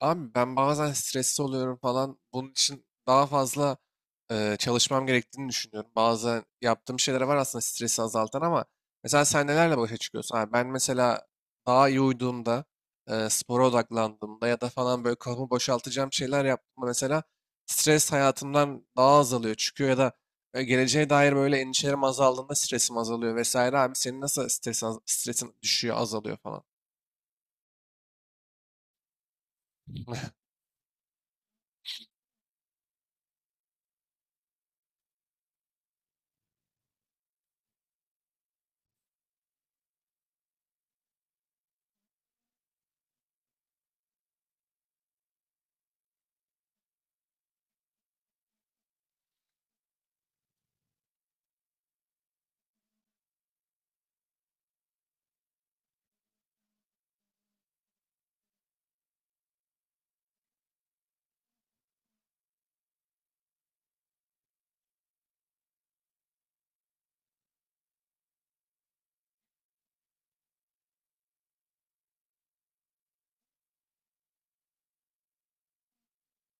Abi ben bazen stresli oluyorum falan. Bunun için daha fazla çalışmam gerektiğini düşünüyorum. Bazen yaptığım şeyler var aslında stresi azaltan ama mesela sen nelerle başa çıkıyorsun? Abi ben mesela daha iyi uyuduğumda, spora odaklandığımda ya da falan böyle kafamı boşaltacağım şeyler yaptığımda mesela stres hayatımdan daha azalıyor, çıkıyor ya da geleceğe dair böyle endişelerim azaldığında stresim azalıyor vesaire. Abi senin nasıl stresin düşüyor, azalıyor falan?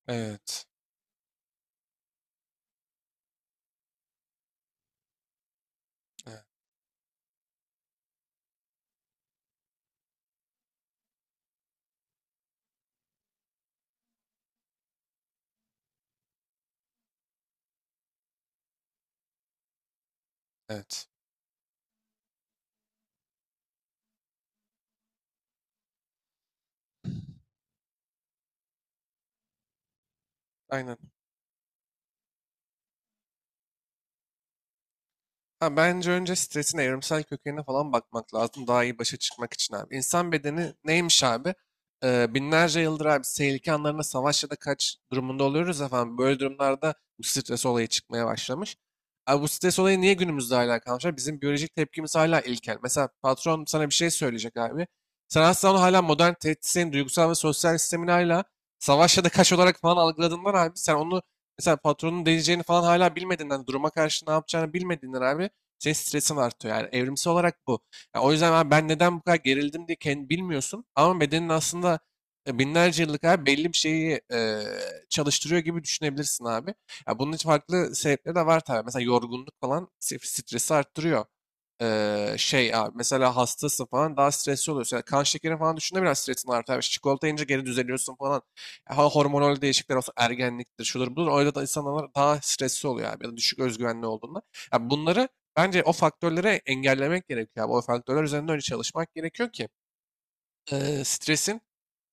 Evet, evet, evet. Aynen. Ha, bence önce stresin evrimsel kökenine falan bakmak lazım daha iyi başa çıkmak için abi. İnsan bedeni neymiş abi? Binlerce yıldır abi tehlike anlarında savaş ya da kaç durumunda oluyoruz efendim. Böyle durumlarda bu stres olayı çıkmaya başlamış. Abi bu stres olayı niye günümüzde hala kalmış, abi? Bizim biyolojik tepkimiz hala ilkel. Mesela patron sana bir şey söyleyecek abi. Sen aslında onu hala modern tehditlerin duygusal ve sosyal sistemini hala savaş ya da kaç olarak falan algıladığından abi sen onu, mesela patronun diyeceğini falan hala bilmediğinden, duruma karşı ne yapacağını bilmediğinden abi senin stresin artıyor. Yani evrimsel olarak bu. Ya o yüzden abi ben neden bu kadar gerildim diye kendi bilmiyorsun. Ama bedenin aslında binlerce yıllık abi belli bir şeyi çalıştırıyor gibi düşünebilirsin abi. Ya bunun için farklı sebepleri de var tabii. Mesela yorgunluk falan stresi arttırıyor. Şey abi mesela hastasın falan daha stresli oluyorsun. Yani kan şekerin falan düşünde biraz stresin artar. Yani çikolata yiyince geri düzeliyorsun falan. Ha, hormonal değişiklikler olsa ergenliktir, şudur budur. Öyle da insanlar daha stresli oluyor abi. Ya da düşük özgüvenli olduğunda. Ya bunları, bence o faktörleri engellemek gerekiyor abi. O faktörler üzerinde öyle çalışmak gerekiyor ki stresin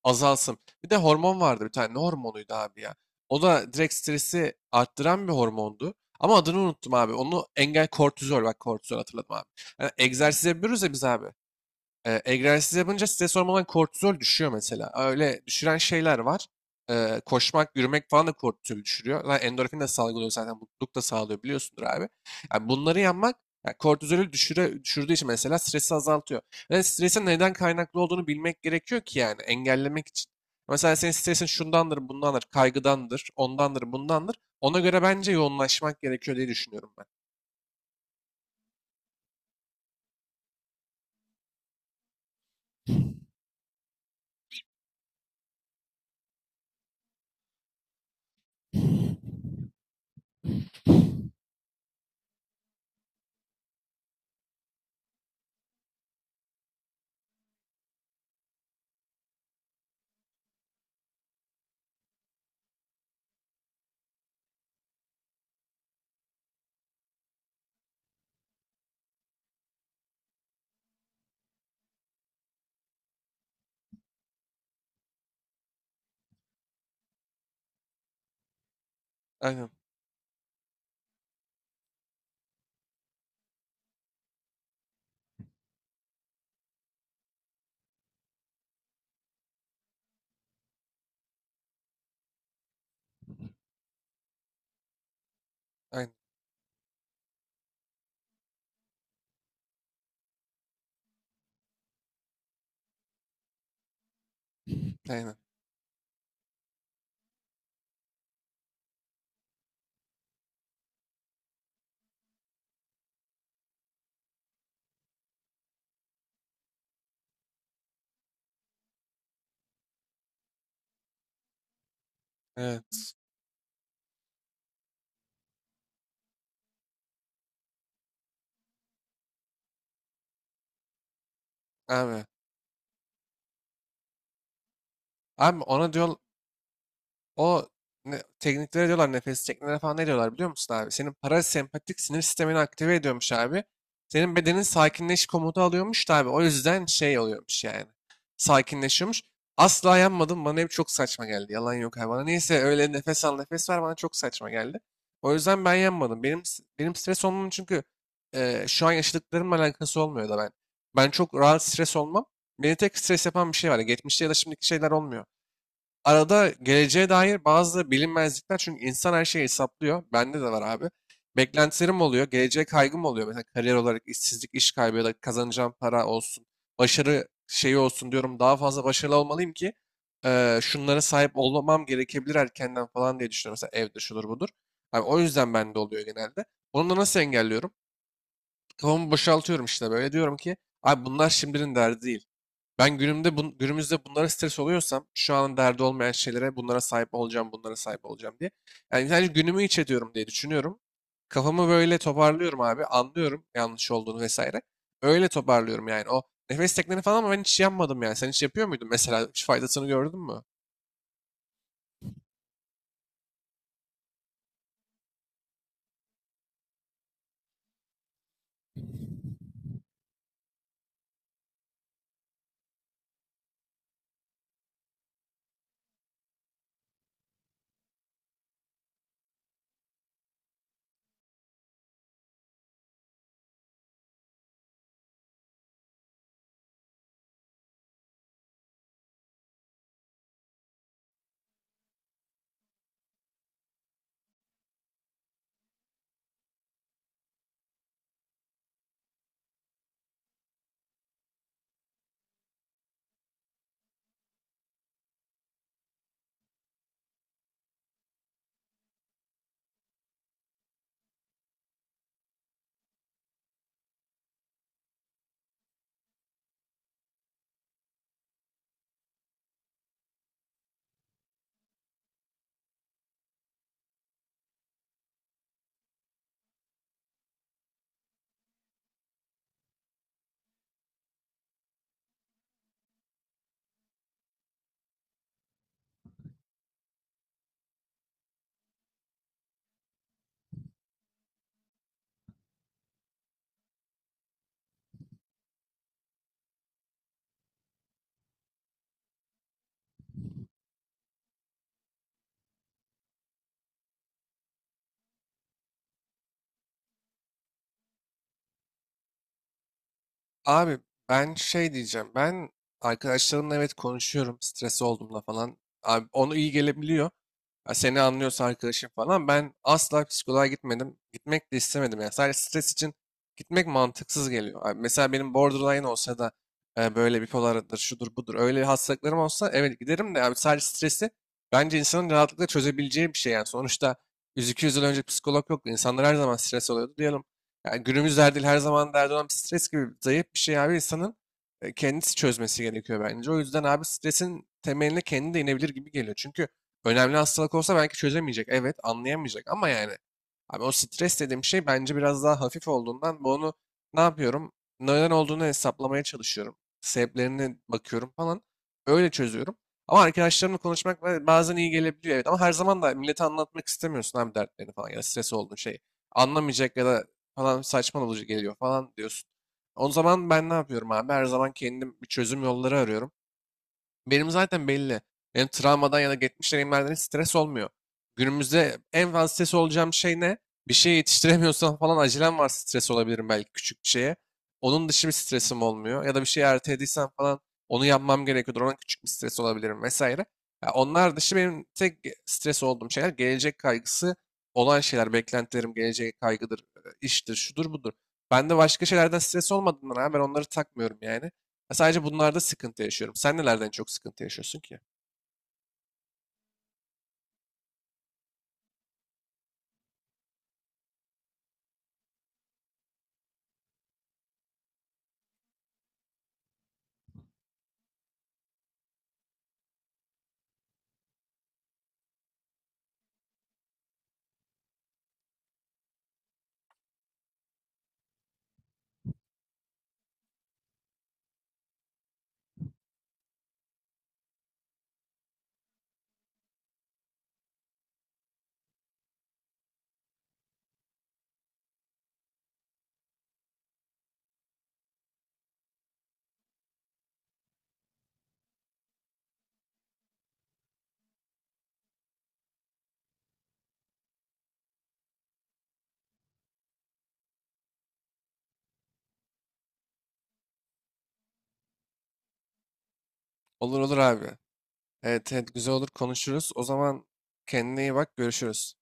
azalsın. Bir de hormon vardı bir tane. Ne hormonuydu abi ya? O da direkt stresi arttıran bir hormondu. Ama adını unuttum abi. Onu engel kortizol. Bak kortizol hatırladım abi. Yani egzersiz yapıyoruz ya biz abi. Egzersiz yapınca stres hormonundan kortizol düşüyor mesela. Öyle düşüren şeyler var. E, koşmak, yürümek falan da kortizol düşürüyor. Lan endorfin de salgılıyor zaten. Mutluluk da sağlıyor biliyorsundur abi. Yani bunları yapmak, yani kortizolü düşürdüğü için mesela stresi azaltıyor. Ve stresin neden kaynaklı olduğunu bilmek gerekiyor ki yani engellemek için. Mesela senin stresin şundandır, bundandır, kaygıdandır, ondandır, bundandır. Ona göre bence yoğunlaşmak gerekiyor diye düşünüyorum ben. Aynen, aynen, aynen. Evet, abi. Abi ona diyor, o ne- tekniklere diyorlar nefes çekmelere falan ne diyorlar biliyor musun abi? Senin parasempatik sinir sistemini aktive ediyormuş abi. Senin bedenin sakinleş komutu alıyormuş da abi. O yüzden şey oluyormuş yani. Sakinleşiyormuş. Asla yanmadım. Bana hep çok saçma geldi. Yalan yok abi. Bana neyse öyle nefes al nefes ver bana çok saçma geldi. O yüzden ben yanmadım. Benim stres olmam çünkü şu an yaşadıklarımla alakası olmuyor da ben. Ben çok rahat stres olmam. Beni tek stres yapan bir şey var. Geçmişte ya da şimdiki şeyler olmuyor, arada geleceğe dair bazı bilinmezlikler, çünkü insan her şeyi hesaplıyor. Bende de var abi. Beklentilerim oluyor, geleceğe kaygım oluyor. Mesela kariyer olarak işsizlik, iş kaybı ya da kazanacağım para olsun, başarı şeyi olsun diyorum. Daha fazla başarılı olmalıyım ki şunlara sahip olmam gerekebilir erkenden falan diye düşünüyorum. Mesela evde şudur budur. Abi o yüzden bende oluyor genelde. Bunu da nasıl engelliyorum? Kafamı boşaltıyorum işte, böyle diyorum ki abi bunlar şimdinin derdi değil. Ben günümüzde bunlara stres oluyorsam şu an derdi olmayan şeylere, bunlara sahip olacağım, bunlara sahip olacağım diye. Yani sadece günümü iç ediyorum diye düşünüyorum. Kafamı böyle toparlıyorum abi. Anlıyorum yanlış olduğunu vesaire. Öyle toparlıyorum yani. O nefes tekniğini falan ama ben hiç yapmadım yani. Sen hiç yapıyor muydun mesela? Hiç faydasını gördün mü? Abi ben şey diyeceğim. Ben arkadaşlarımla, evet, konuşuyorum. Stres olduğumda falan. Abi onu iyi gelebiliyor. Ya seni anlıyorsa arkadaşım falan. Ben asla psikoloğa gitmedim. Gitmek de istemedim. Yani sadece stres için gitmek mantıksız geliyor. Abi mesela benim borderline olsa da böyle bipolardır, şudur budur. Öyle hastalıklarım olsa evet giderim de abi sadece stresi, bence insanın rahatlıkla çözebileceği bir şey yani. Sonuçta 100-200 yıl önce psikolog yoktu. İnsanlar her zaman stres oluyordu. Diyelim, yani günümüz derdi her zaman derdi olan bir stres gibi zayıf bir şey, abi insanın kendisi çözmesi gerekiyor bence. O yüzden abi stresin temeline kendi de inebilir gibi geliyor. Çünkü önemli hastalık olsa belki çözemeyecek. Evet anlayamayacak ama yani abi o stres dediğim şey bence biraz daha hafif olduğundan bunu ne yapıyorum? Neden olduğunu hesaplamaya çalışıyorum. Sebeplerine bakıyorum falan. Öyle çözüyorum. Ama arkadaşlarımla konuşmak bazen iyi gelebiliyor evet, ama her zaman da millete anlatmak istemiyorsun abi dertlerini falan, ya da stres olduğun şeyi anlamayacak ya da falan saçma olucu geliyor falan diyorsun. O zaman ben ne yapıyorum abi? Her zaman kendim bir çözüm yolları arıyorum. Benim zaten belli. Benim travmadan ya da geçmiş deneyimlerden hiç stres olmuyor. Günümüzde en fazla stres olacağım şey ne? Bir şey yetiştiremiyorsam falan, acelem var, stres olabilirim belki küçük bir şeye. Onun dışı bir stresim olmuyor. Ya da bir şeyi ertelediysem falan, onu yapmam gerekiyordur. Ona küçük bir stres olabilirim vesaire. Ya onlar dışı benim tek stres olduğum şeyler gelecek kaygısı olan şeyler. Beklentilerim geleceğe kaygıdır, iştir, şudur budur. Ben de başka şeylerden stres olmadığından abi ben onları takmıyorum yani. Ya sadece bunlarda sıkıntı yaşıyorum. Sen nelerden çok sıkıntı yaşıyorsun ki? Olur olur abi. Evet, evet güzel olur konuşuruz. O zaman kendine iyi bak, görüşürüz.